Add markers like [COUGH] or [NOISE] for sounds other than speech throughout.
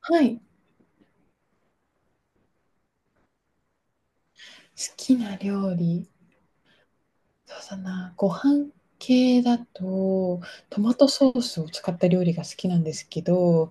はい。好きな料理、そうだな、ご飯系だと、トマトソースを使った料理が好きなんですけど、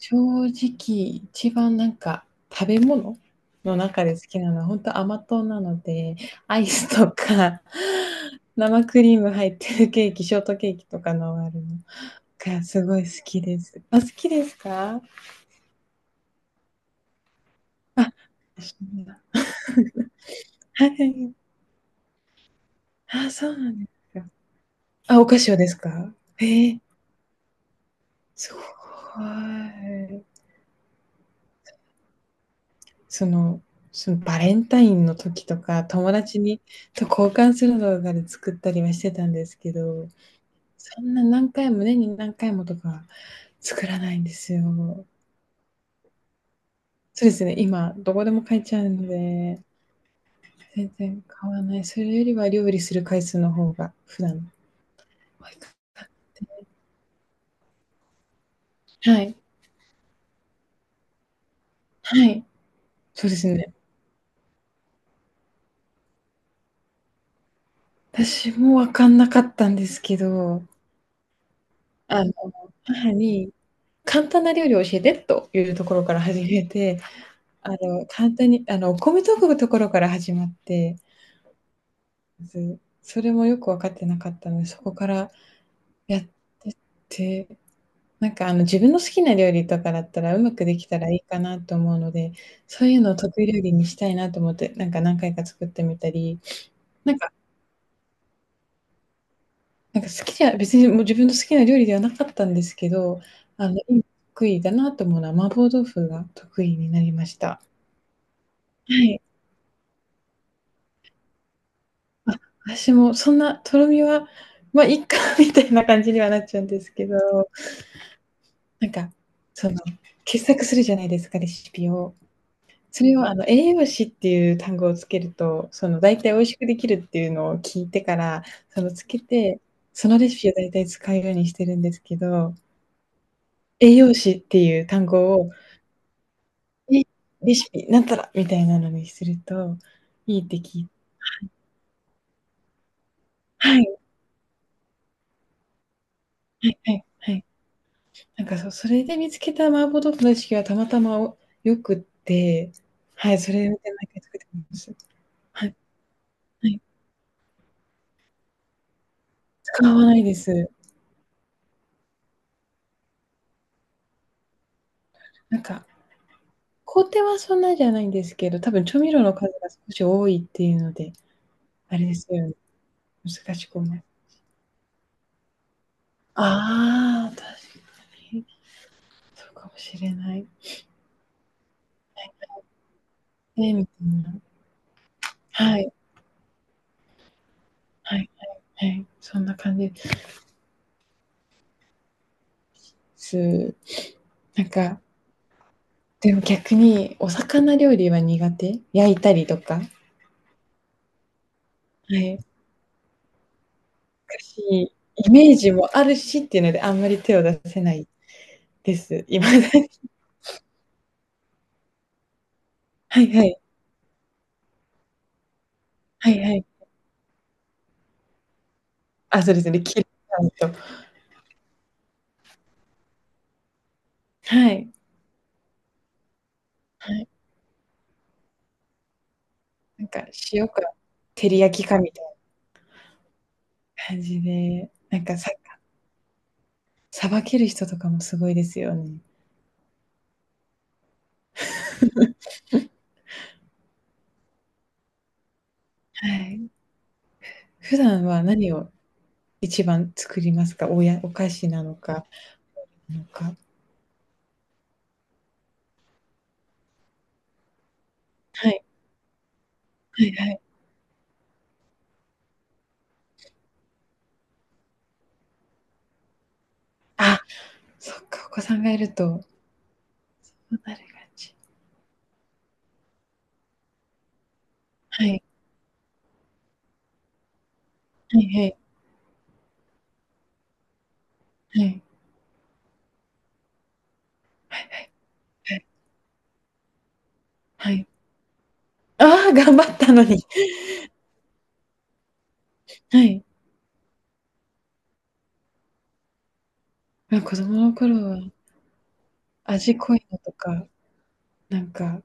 正直一番なんか食べ物の中で好きなのはほんと甘党なので、アイスとか [LAUGHS] 生クリーム入ってるケーキ、ショートケーキとかのあるのがすごい好きです。あ、好きですか？あ、そうなんだ。はい。あ、そうなんですか。あ、お菓子をですか？へえ。すごい。その、そのバレンタインの時とか、友達にと交換する動画で作ったりはしてたんですけど、そんな何回も、年に何回もとか作らないんですよ。そうですね、今どこでも買えちゃうので、全然買わない。それよりは料理する回数の方が普段多いかな。はい。はい。そうですね。私もわかんなかったんですけど、あの、母に簡単な料理を教えてというところから始めて、簡単に、お米研ぐところから始まって、ずそれもよく分かってなかったので、そこからやってって、自分の好きな料理とかだったら、うまくできたらいいかなと思うので、そういうのを得意料理にしたいなと思って、なんか何回か作ってみたり、なんかなんか好きじゃ別にもう自分の好きな料理ではなかったんですけど、あの、得意だなと思うのは麻婆豆腐が得意になりました。はい。あ、私もそんなとろみは、まあ、いっかみたいな感じにはなっちゃうんですけど、なんか、その、傑作するじゃないですか、レシピを。それを栄養士っていう単語をつけると、その大体美味しくできるっていうのを聞いてから、そのつけて、そのレシピを大体使うようにしてるんですけど、栄養士っていう単語を、え、レシピなんたらみたいなのにすると、いいって聞きはい、はいはいはい。なんかそう、それで見つけた麻婆豆腐の意識はたまたまお良くって、はい、それで毎回作ってます。はい、はい、使わないです。なんか、工程はそんなじゃないんですけど、多分調味料の数が少し多いっていうので、あれですよね、難しく思いああ、確かに、そうかもしれない。ね、みたいな。はい、はい、はい、そんな感じです。なんか、でも逆にお魚料理は苦手。焼いたりとか。はい。しイメージもあるしっていうので、あんまり手を出せないです。今だに。[LAUGHS] はいはい。はいはい。あ、そうですね、切り感と。はい。はい。なんか塩か照り焼きかみたいな感じで、なんかさ捌ける人とかもすごいですよね。[LAUGHS] はい。普段は何を一番作りますか？おやお菓子なのか、なのかはい。はいはい。あ、そっか、お子さんがいると、そうなる感じ。はいはい。はい。はいはい。はい。ああ、頑張ったのに。はい。ま、子供の頃は味濃いのとか、なんか、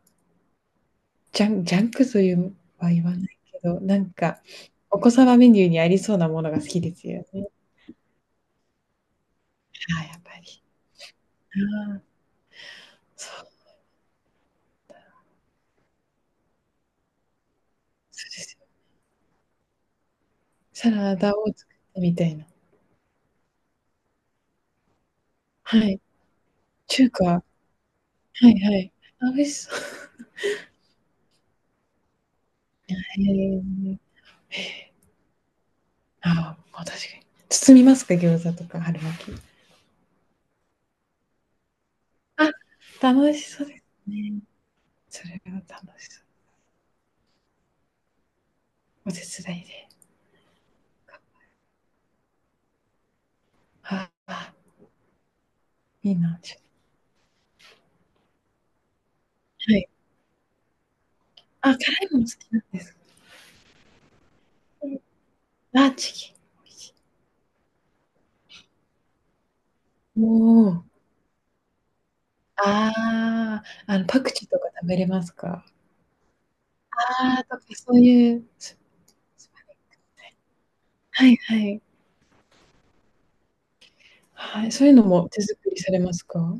ジャンジャンクというは言わないけど、お子様メニューにありそうなものが好きですよね。ああ、やっぱり。ああ、そう、そうですよ。サラダを作ってみたいな。はい。中華、はいはい。あ、美味しそう。へえ。ああ、ま、確かに。包みますか？餃子とか春巻き。あ、楽しそうですね。それは楽しお手伝いで。ああ、いいな。はい。あ、辛いもの好きなんですか。あ、チキン。おお。ああ、パクチーとか食べれますか？ああ、とかそういう、すすはいはい。はい、そういうのも手作りされますか？は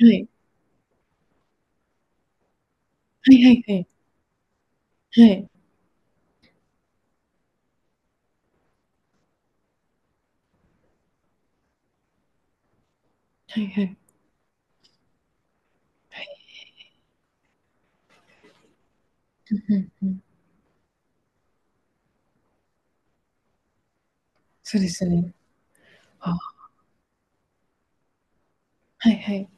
い。はいはいはい。はい。はいはい。うんうんうん。そうですね。あ、はいはい。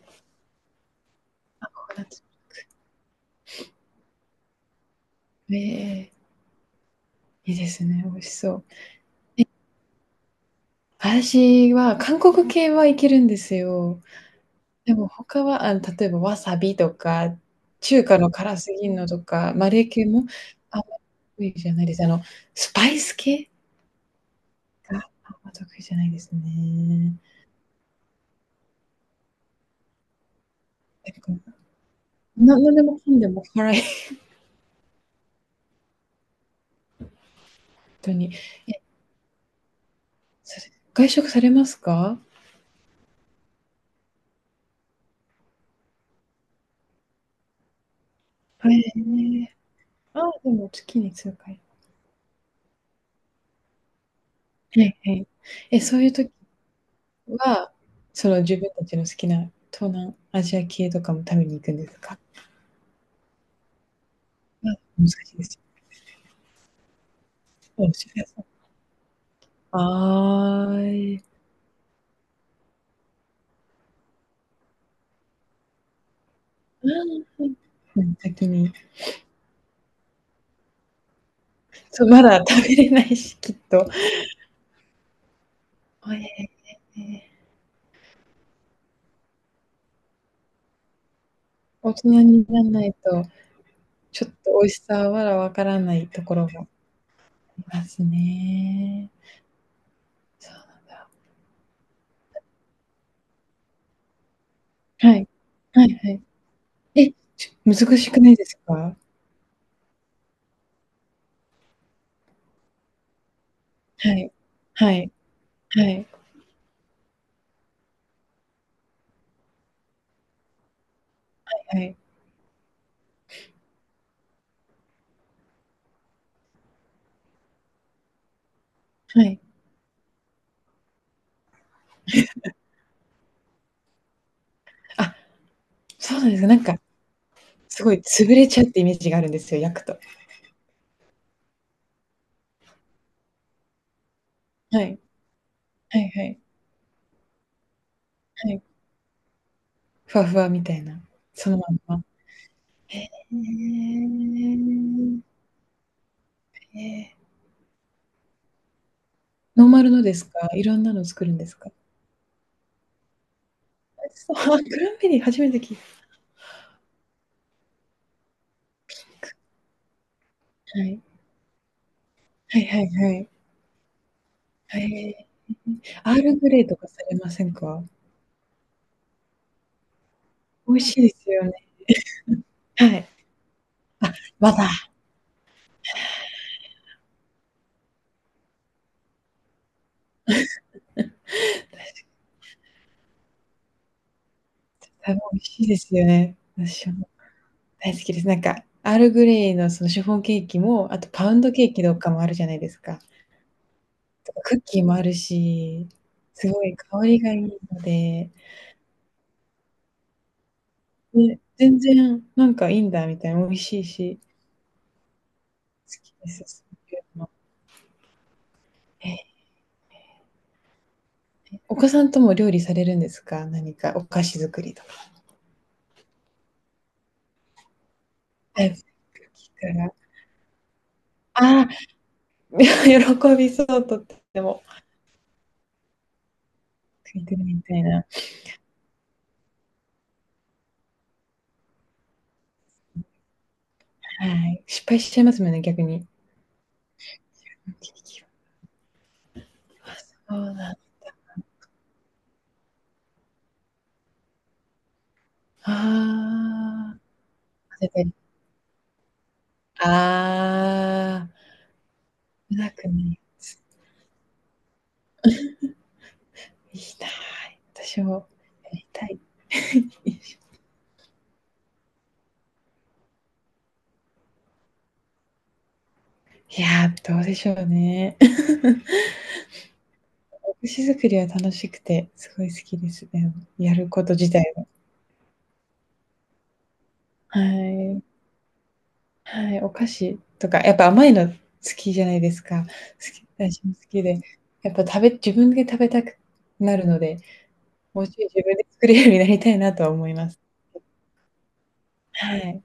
ココナッツ。ええええ。いいですね、美味しそう。私は韓国系はいけるんですよ。でも他は、例えばわさびとか、中華の辛すぎんのとか、マレー系もあんまり得意じゃないです。スパイス系があんま得意じゃないですね。なんか、ななんでもかんでも辛いほんとに。え、それ、外食されますか？へえ。ああ、でも月に数回。はいはい。え、そういう時は、その自分たちの好きな東南アジア系とかも食べに行くんですか？あ、難しいです。おもしろいああ、ええ。うん、うん。うん、先に。そう、まだ食べれないし、きっと。おええ。ええ大人になんないと、ちょっと美味しさはまだわからないところもありますね。そうなんだ。はい。はいはい。え、ちょ難しくないですか？はい。はい。はい。はい。はい。あ、そうなんですか。すごい潰れちゃうってイメージがあるんですよ、焼くと。はい。はいはい。はい。ふわふわみたいな。そのまんま。へえ。ええ。ノーマルのですか？いろんなの作るんですか？美味しそう。あクランベリー初めて聞いたく。はい。はいはいはい。はえ。アールグレイとかされませんか？美味しいですよね。はい。バター、多分美味しいですよね。私も大好きです。なんか、アールグレイのそのシフォンケーキも、あとパウンドケーキとかもあるじゃないですか。とかクッキーもあるし、すごい香りがいいので、で全然なんかいいんだみたいな、美味しいし。きです。そういうのえーお子さんとも料理されるんですか何かお菓子作りとか。はい。聞くからああ、喜びそう、とっても。作ってるみたいな。はい。失敗しちゃいますもんね、逆に。[UNINTELLIGIBLE] あそうだ。ああ。混ぜたりああ。うまくないやつ。いいな。私もやりたい。いやー、どうでしょうね。寿司作りは楽しくて、すごい好きですね。やること自体は。はい。はい、お菓子とか、やっぱ甘いの好きじゃないですか。好き私も好きで、やっぱ食べ自分で食べたくなるので、もうちょい自分で作れるようになりたいなとは思います。はい。